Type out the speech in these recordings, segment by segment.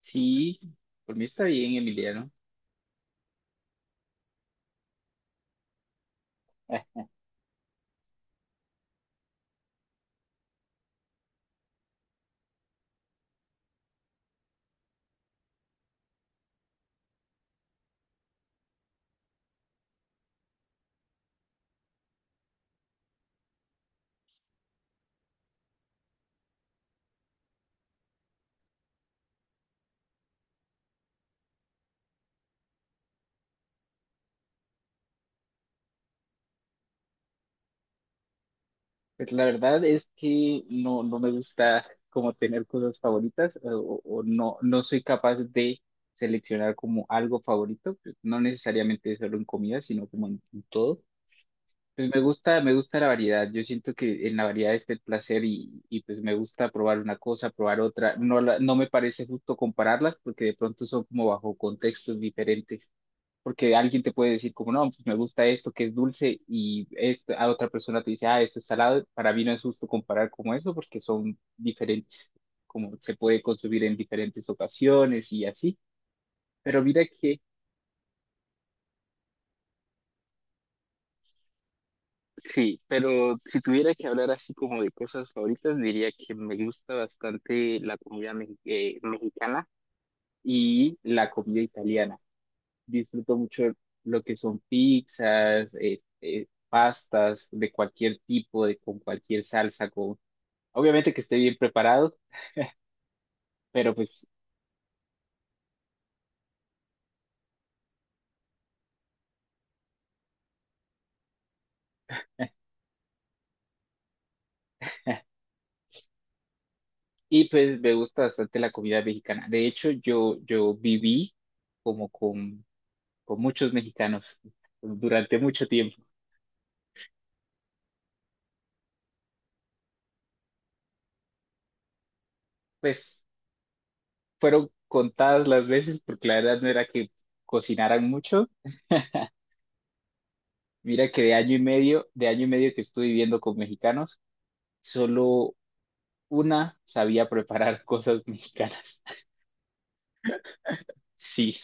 Sí, por mí está bien, Emiliano. Ah, pues la verdad es que no me gusta como tener cosas favoritas, o, o no soy capaz de seleccionar como algo favorito, pues no necesariamente solo en comida, sino como en todo. Pues me gusta la variedad. Yo siento que en la variedad está el placer y pues me gusta probar una cosa, probar otra. No, no me parece justo compararlas porque de pronto son como bajo contextos diferentes. Porque alguien te puede decir como, no, pues me gusta esto que es dulce y esta, a otra persona te dice, ah, esto es salado. Para mí no es justo comparar como eso porque son diferentes, como se puede consumir en diferentes ocasiones y así. Pero mira que, sí, pero si tuviera que hablar así como de cosas favoritas, diría que me gusta bastante la comida mexicana y la comida italiana. Disfruto mucho lo que son pizzas, pastas de cualquier tipo, de, con cualquier salsa, con, obviamente que esté bien preparado, pero pues, y pues me gusta bastante la comida mexicana. De hecho, yo viví como con muchos mexicanos durante mucho tiempo. Pues fueron contadas las veces, porque la verdad no era que cocinaran mucho. Mira que de año y medio que estuve viviendo con mexicanos, solo una sabía preparar cosas mexicanas. Sí,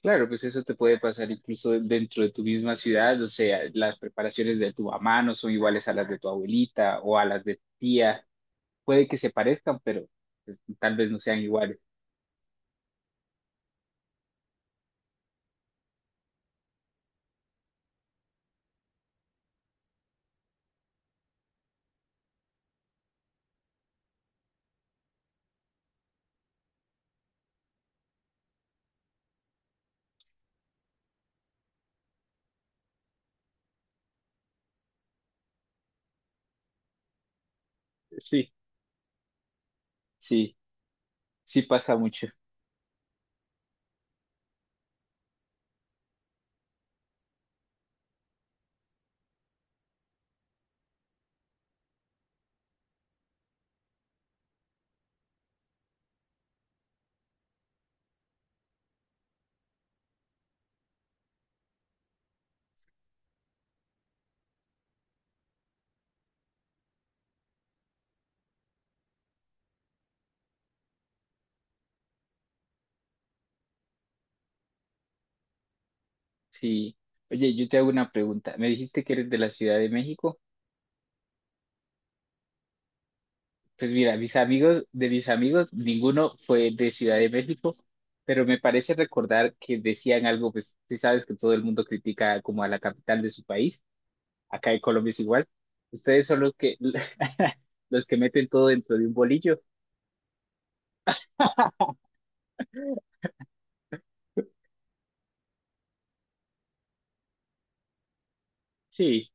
claro, pues eso te puede pasar incluso dentro de tu misma ciudad, o sea, las preparaciones de tu mamá no son iguales a las de tu abuelita o a las de tu tía. Puede que se parezcan, pero pues, tal vez no sean iguales. Sí, sí, sí pasa mucho. Sí. Oye, yo te hago una pregunta. Me dijiste que eres de la Ciudad de México. Pues mira, de mis amigos, ninguno fue de Ciudad de México, pero me parece recordar que decían algo, pues tú sabes que todo el mundo critica como a la capital de su país, acá en Colombia es igual, ustedes son los que, los que meten todo dentro de un bolillo. Sí,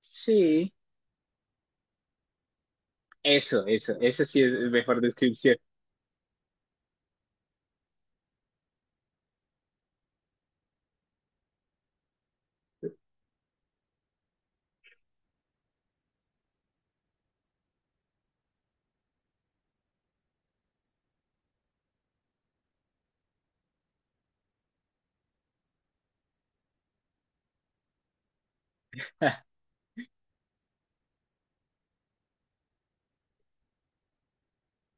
sí, eso, esa sí es la mejor descripción.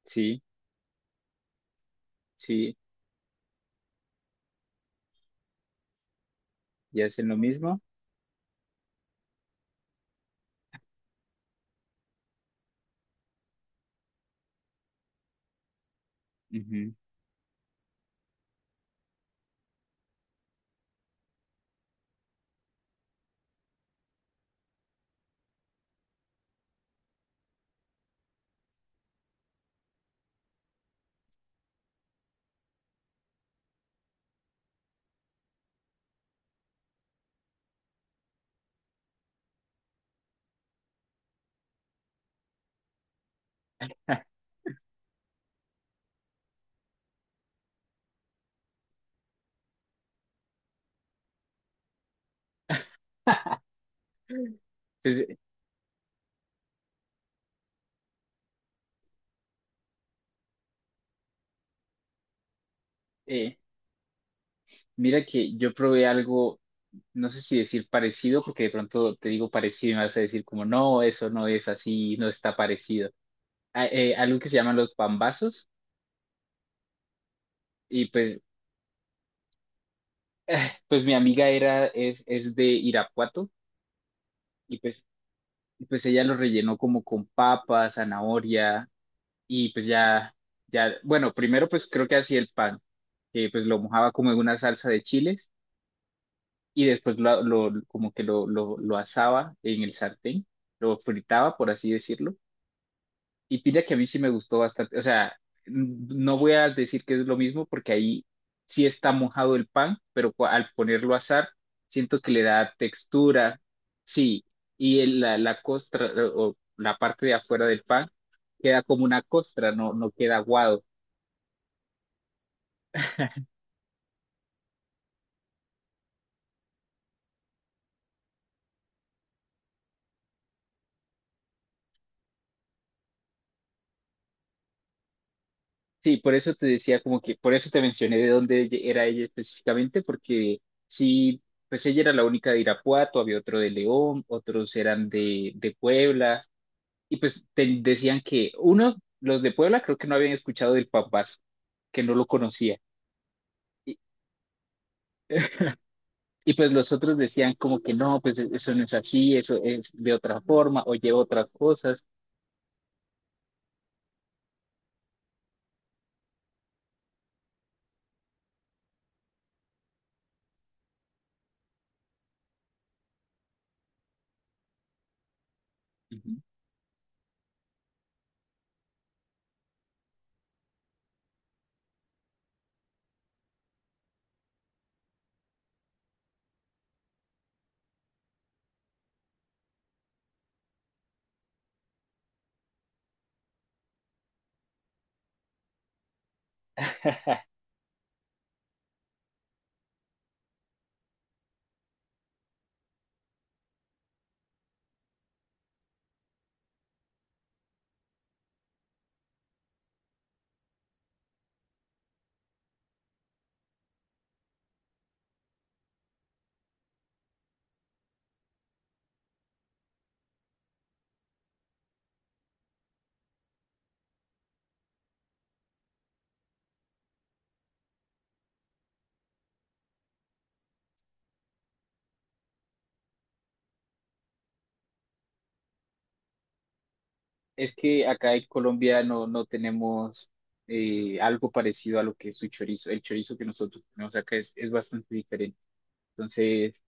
Sí, sí, y hacen lo mismo. Ujú. Pues, eh, mira que yo probé algo, no sé si decir parecido, porque de pronto te digo parecido y me vas a decir como, no, eso no es así, no está parecido. Algo que se llaman los pambazos, y pues, pues mi amiga es de Irapuato, y pues, y pues ella lo rellenó como con papa, zanahoria, y pues ya, ya, bueno, primero pues creo que hacía el pan, que pues lo mojaba como en una salsa de chiles, y después como que lo asaba en el sartén, lo fritaba, por así decirlo. Y pide que a mí sí me gustó bastante. O sea, n- no voy a decir que es lo mismo porque ahí sí está mojado el pan, pero al ponerlo a asar, siento que le da textura. Sí, y la costra o la parte de afuera del pan queda como una costra, no, no queda aguado. Sí, por eso te decía como que, por eso te mencioné de dónde era ella específicamente, porque sí, pues ella era la única de Irapuato, había otro de León, otros eran de Puebla. Y pues te decían que unos, los de Puebla, creo que no habían escuchado del papazo, que no lo conocía. Y, y pues los otros decían como que no, pues eso no es así, eso es de otra forma o lleva otras cosas. Ujú. Es que acá en Colombia no tenemos algo parecido a lo que es su chorizo. El chorizo que nosotros tenemos acá es bastante diferente. Entonces,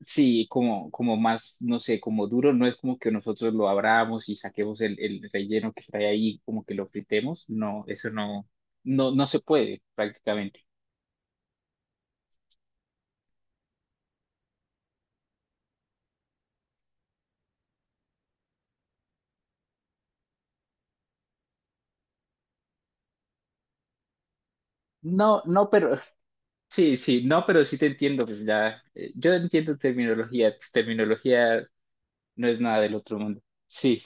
sí, como, como más, no sé, como duro, no es como que nosotros lo abramos y saquemos el relleno que trae ahí, como que lo fritemos, no, eso no, no se puede prácticamente. No, no, pero sí, sí, no, pero sí te entiendo, pues ya, yo entiendo terminología, tu terminología no es nada del otro mundo. Sí,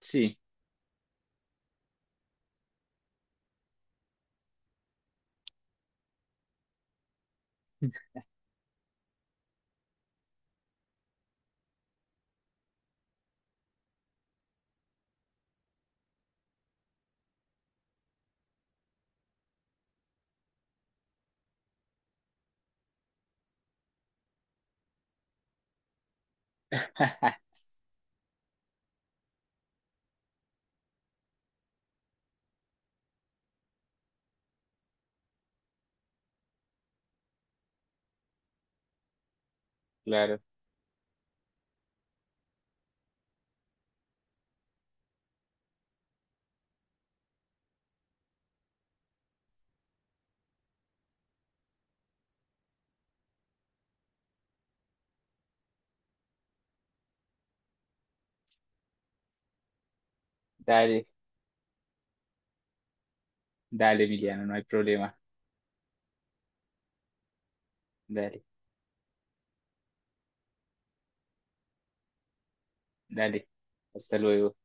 sí, claro, dale, dale, Emiliano, no hay problema, dale, dale, hasta luego.